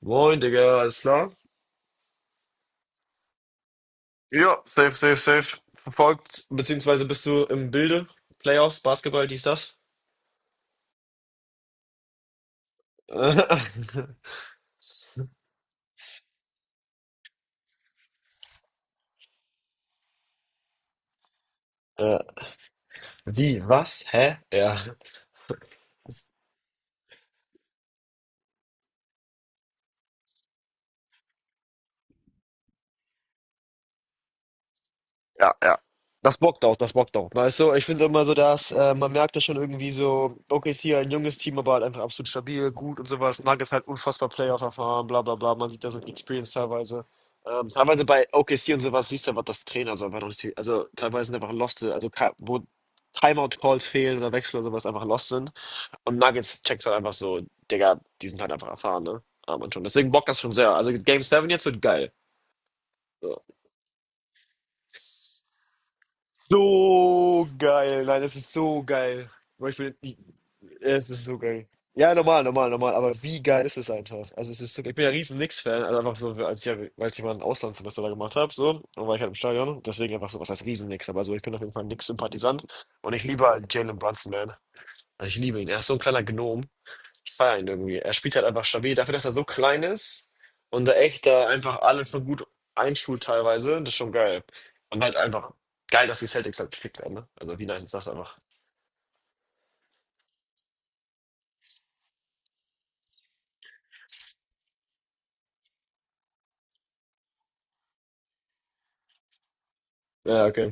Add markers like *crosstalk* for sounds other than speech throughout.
Moin, Digga, alles klar? Ja, safe, safe, safe. Verfolgt, beziehungsweise bist du im Bilde? Playoffs, Basketball, dies, das? *laughs* Ja. Wie, was? Hä? Ja. Ja, ja. Das bockt auch, das bockt auch. Weißt du, ich finde immer so, dass man merkt ja schon irgendwie so, okay, ist hier ein junges Team, aber halt einfach absolut stabil, gut und sowas. Nuggets halt unfassbar Playoff-Erfahren, bla bla bla. Man sieht da so die Experience teilweise. Teilweise bei OKC und sowas siehst du aber, dass Trainer so einfach noch nicht, also teilweise sind einfach Lost, also wo Timeout-Calls fehlen oder Wechsel oder sowas einfach Lost sind. Und Nuggets checkt halt einfach so, Digga, die sind halt einfach erfahren, ne? Ah, man schon. Deswegen bockt das schon sehr. Also Game 7 jetzt wird geil. So. So geil. Nein, das ist so geil. Bro, es ist so geil. Ja, normal, normal, normal. Aber wie geil ist es einfach? Also es ist so, ich bin ja riesen Knicks-Fan, also einfach so, als ich, ja, weil ich mal ein Auslandssemester da gemacht habe, so, und war ich halt im Stadion. Deswegen einfach so, was heißt riesen Knicks, aber so, ich bin auf jeden Fall ein Knicks-Sympathisant. Und ich liebe halt Jalen Brunson, man. Also ich liebe ihn. Er ist so ein kleiner Gnom. Ich feiere ihn irgendwie. Er spielt halt einfach stabil. Dafür, dass er so klein ist und da echt da einfach alle schon gut einschult teilweise, das ist schon geil. Und halt einfach geil, dass die Celtics halt gekickt werden, ne? Also wie nice ist das einfach? Ja, okay.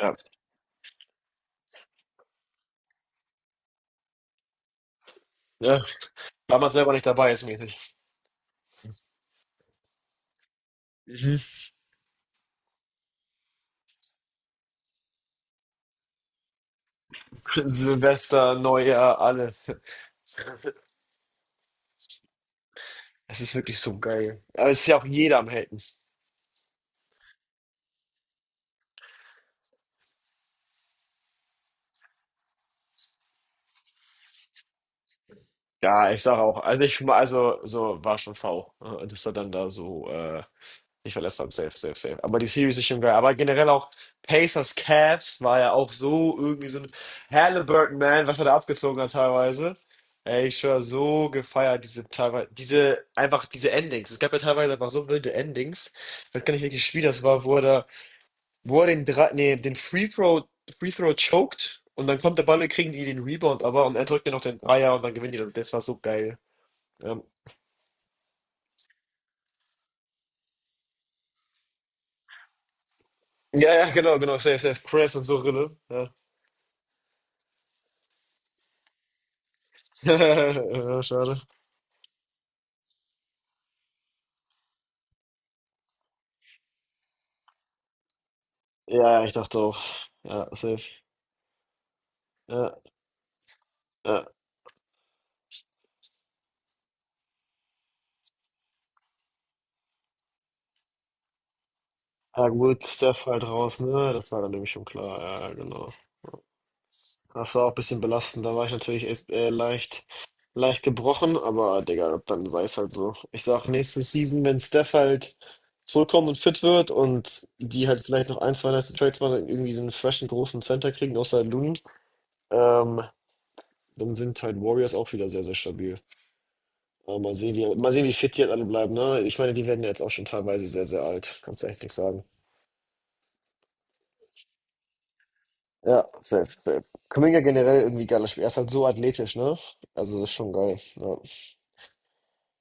Ja, ja. War man selber nicht dabei, ist mäßig. Mhm. Silvester, Neujahr, alles. Es ist wirklich so geil. Aber es ist ja auch jeder am Helden. Ja, ich sage auch. Also ich also so war schon dass er dann da so ich verlässt dann safe, safe, safe. Aber die Series ist schon geil. Aber generell auch Pacers Cavs war ja auch so irgendwie so ein Halliburton Man, was er da abgezogen hat teilweise. Ey, ich war so gefeiert, diese teilweise, diese, einfach diese Endings. Es gab ja teilweise einfach so wilde Endings. Ich weiß gar nicht, welches Spiel das war, wo er da, wo er den drei, nee, den Free Throw, Free Throw choked und dann kommt der Ball, und kriegen die den Rebound aber und er drückt dann noch den Dreier und dann gewinnen die. Das. Das war so geil. Ähm, ja, ja, genau, genau, safe, safe. Chris und so Rille. Ja. *laughs* Ja, schade. Ja, ich dachte auch. Ja, safe. Ja, ja. Ja, gut, Steph halt raus, ne? Das war dann nämlich schon klar. Ja, ja, genau. Das war auch ein bisschen belastend. Da war ich natürlich echt, leicht, leicht gebrochen, aber Digga, dann sei es halt so. Ich sag, nächste Season, wenn Steph halt zurückkommt und fit wird und die halt vielleicht noch ein, zwei nice Trades machen, irgendwie so einen freshen großen Center kriegen, außer Looney, ähm, dann sind halt Warriors auch wieder sehr, sehr stabil. Ja, mal sehen, wie fit die jetzt alle bleiben, ne? Ich meine, die werden ja jetzt auch schon teilweise sehr, sehr alt. Kannst du echt nichts sagen. Ja, safe, safe. Kuminga generell irgendwie geiles Spiel. Er ist halt so athletisch, ne? Also, das ist schon geil. Ja,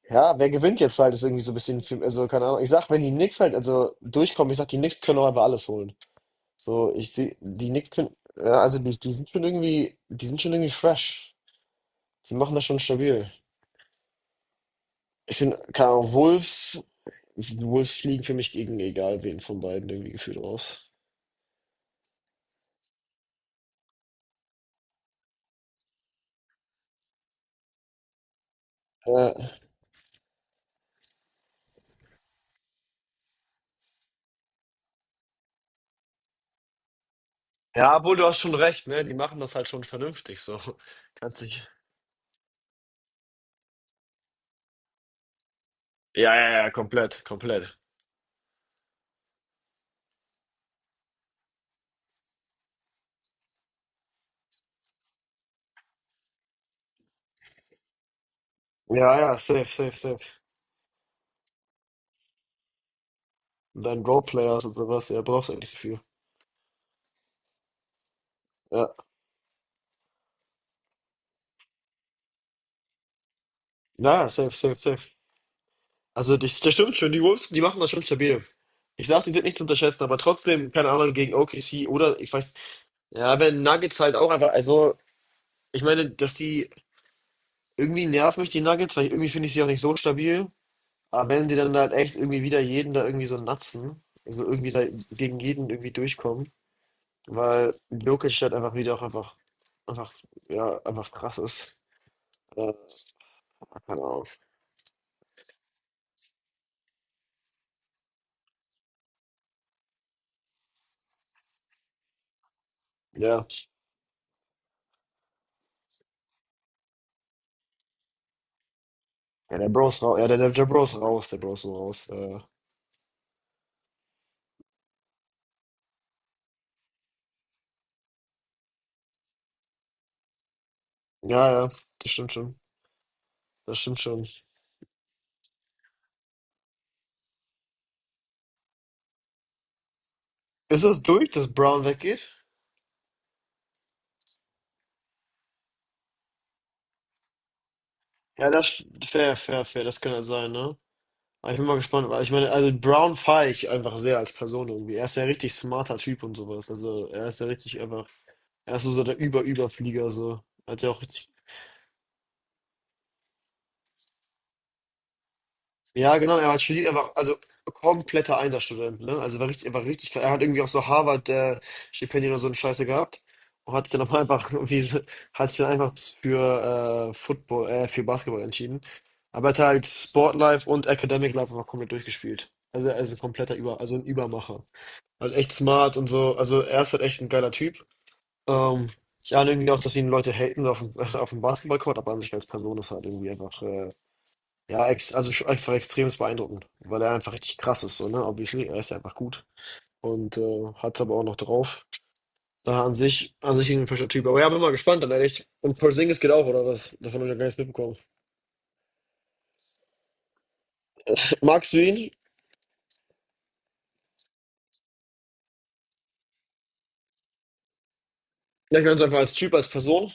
ja wer gewinnt jetzt halt, ist irgendwie so ein bisschen, also, keine Ahnung. Ich sag, wenn die Knicks halt, also, durchkommen, ich sag, die Knicks können auch einfach alles holen. So, ich sehe, die Knicks können, ja, also, die sind schon irgendwie, die sind schon irgendwie fresh. Die machen das schon stabil. Ich bin, keine Ahnung, Wolves, Wolves fliegen für mich gegen egal wen von beiden irgendwie gefühlt raus. Ja, ja, obwohl du hast schon recht, ne? Die machen das halt schon vernünftig so. *laughs* Kannst dich. Ja, ja, ja, komplett, komplett. Ja, ja, safe, safe, safe. Und dann Roleplayers und sowas, ja, brauchst eigentlich nicht so viel. Ja. Naja, safe, safe, safe. Also das stimmt schon, die Wolves, die machen das schon stabil. Ich sag, die sind nicht zu unterschätzen, aber trotzdem, keine Ahnung, gegen OKC oder ich weiß, ja, wenn Nuggets halt auch einfach, also, ich meine, dass die irgendwie nerven mich die Nuggets, weil irgendwie finde ich sie auch nicht so stabil. Aber wenn die dann halt echt irgendwie wieder jeden da irgendwie so natzen, also irgendwie da gegen jeden irgendwie durchkommen, weil Jokic halt einfach wieder auch einfach, einfach, ja, einfach krass ist. Äh, keine Ahnung. Ja. Ja, der Bro ist raus. Ja, der Bro ist raus. Der Bro ist so raus. Ja, ja, das stimmt schon. Das stimmt schon. Ist das durch, dass Brown weggeht? Ja, fair, fair, fair. Das kann halt sein, ne? Aber ich bin mal gespannt, weil ich meine, also Brown feiere ich einfach sehr als Person irgendwie. Er ist ja richtig smarter Typ und sowas. Also er ist ja richtig einfach. Er ist so so der Über-Überflieger, so. Hat ja auch richtig. Ja, genau, er hat studiert, er war also kompletter Einserstudent, ne? Also war richtig, er hat irgendwie auch so Harvard Stipendien oder so eine Scheiße gehabt und hat sich dann *laughs* aber einfach irgendwie, hat sich dann einfach für Football, für Basketball entschieden. Aber er hat halt Sportlife und Academic Life einfach komplett durchgespielt. Also er ist ein kompletter Über, also ein Übermacher. Halt echt smart und so. Also er ist halt echt ein geiler Typ. Ähm, ich ahne irgendwie auch, dass ihn Leute haten auf dem, *laughs* auf dem Basketballcourt, aber an sich als Person ist halt irgendwie einfach, ja, also schon einfach extremst beeindruckend, weil er einfach richtig krass ist, so, ne? Obviously, er ist ja einfach gut und hat es aber auch noch drauf. Da an sich ein frischer Typ. Aber ja, bin mal gespannt, dann ehrlich. Und Porzingis geht auch, oder was? Davon habe ich ja gar nichts mitbekommen. *laughs* Magst du ihn? Ja, ich meine es einfach als Typ, als Person.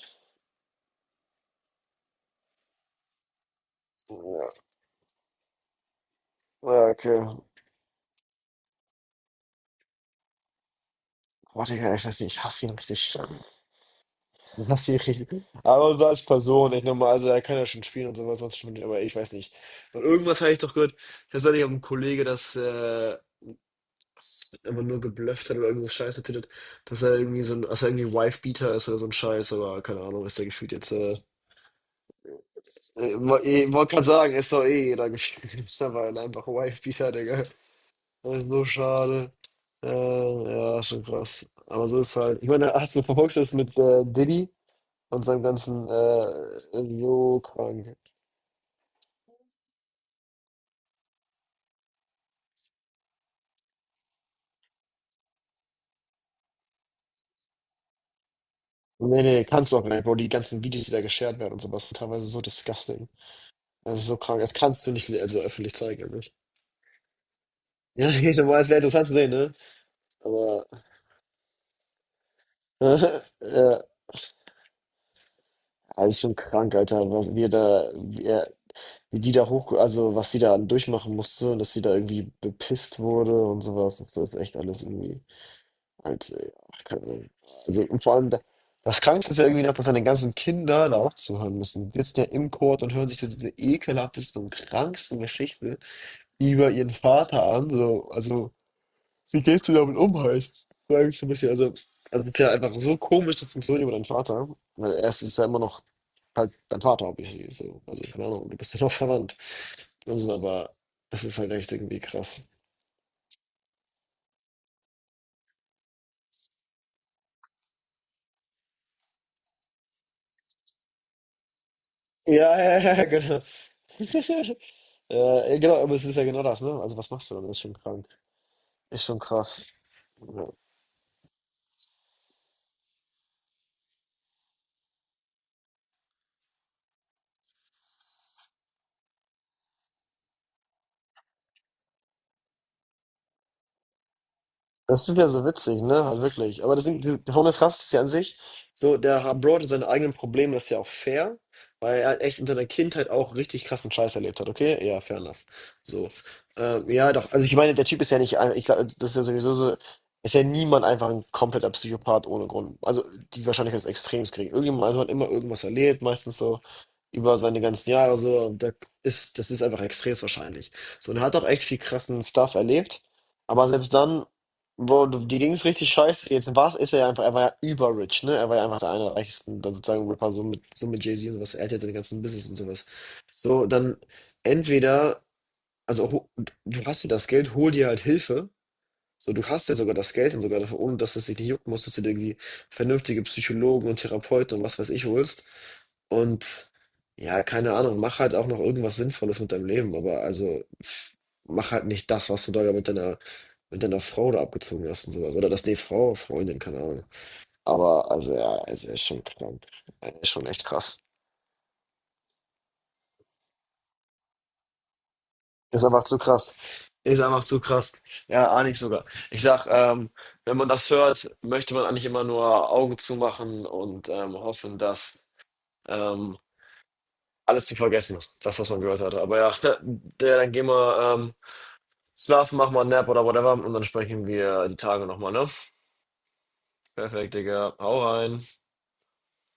Ja, ja, okay. Warte, ich weiß nicht, ich hasse ihn richtig. *laughs* Was du richtig. Aber so als Person, ich nochmal, also er kann ja schon spielen und sowas, sonst schon, aber ich weiß nicht. Und irgendwas habe ich doch gehört, das soll ich auch ein Kollege, das einfach nur geblufft hat oder irgendwas Scheiße tittet, dass er irgendwie so ein, dass er irgendwie Wife-Beater ist oder so ein Scheiß, aber keine Ahnung, ist der gefühlt jetzt. Wollte gerade sagen, ist doch eh jeder gefühlt, *laughs* aber einfach Wife-Beater, Digga. Das ist so schade. Äh, ja, schon krass. Aber so ist halt. Ich meine, hast du verfolgst du das mit Diddy? Und seinem ganzen, so krank. Nee, nee, kannst du auch nicht, Bro. Die ganzen Videos, die da geshared werden und sowas, sind teilweise so disgusting. Das ist so krank. Das kannst du nicht also öffentlich zeigen, eigentlich. Ja, *laughs* ich weiß, es wäre interessant zu sehen, ne? Aber, *laughs* äh, also schon krank, Alter, was wir da, wie die da hoch, also was sie da durchmachen musste und dass sie da irgendwie bepisst wurde und sowas. Das ist echt alles irgendwie. Also ja, keine Ahnung. Also und vor allem, das Krankste ist ja irgendwie noch, dass seine ganzen Kinder da auch zuhören müssen. Die sitzen ja im Chor und hören sich so diese ekelhafteste und kranksten Geschichte über ihren Vater an. So, also, wie gehst du damit um halt? Sag ich so ein bisschen. Also es ist ja einfach so komisch, das funktioniert über deinen Vater. Weil er ist ja immer noch halt dein Vater, obviously. So. Also, keine Ahnung, du bist ja noch verwandt. Also, aber das ist halt echt irgendwie krass. Ja, ja, ja, genau. *laughs* Ja, genau, aber es ist ja genau das, ne? Also was machst du dann? Ist schon krank. Ist schon krass. Ja. Das ist ja so witzig, ne? Halt wirklich. Aber das sind, die Formel krass. Ist ja an sich, so, Bro hatte seine eigenen Probleme, das ist ja auch fair, weil er halt echt in seiner Kindheit auch richtig krassen Scheiß erlebt hat, okay? Ja, fair enough. So. Ja, doch. Also ich meine, der Typ ist ja nicht, ich glaube, das ist ja sowieso so, ist ja niemand einfach ein kompletter Psychopath ohne Grund. Also die Wahrscheinlichkeit ist extrem gering. Irgendjemand, also hat immer irgendwas erlebt, meistens so über seine ganzen Jahre so, da ist, das ist einfach extrem wahrscheinlich. So, und er hat auch echt viel krassen Stuff erlebt, aber selbst dann boah, die Ding ist richtig scheiße. Jetzt war ist er ja einfach, er war ja überrich, ne? Er war ja einfach der einer der reichsten, dann sozusagen Rapper, so mit Jay-Z und sowas. Er hat ja seine ganzen Business und sowas. So, dann entweder, also du hast ja das Geld, hol dir halt Hilfe. So, du hast ja sogar das Geld und sogar dafür, ohne dass es dich nicht jucken muss, dass du dir irgendwie vernünftige Psychologen und Therapeuten und was weiß ich holst. Und ja, keine Ahnung, mach halt auch noch irgendwas Sinnvolles mit deinem Leben, aber also pff, mach halt nicht das, was du da mit deiner Frau da abgezogen hast und sowas oder das, ne, Frau, Freundin, keine Ahnung. Aber, also, ja, also, er ist schon krank. Er ist schon echt krass. Ist einfach zu krass. Ist einfach zu krass. Ja, ahne ich sogar. Ich sag, wenn man das hört, möchte man eigentlich immer nur Augen zumachen und hoffen, dass ähm, alles zu vergessen ist. Das, was man gehört hatte. Aber ja, *laughs* der, dann gehen wir schlafen, machen wir einen Nap oder whatever und dann sprechen wir die Tage nochmal, ne? Perfekt, Digga. Hau rein.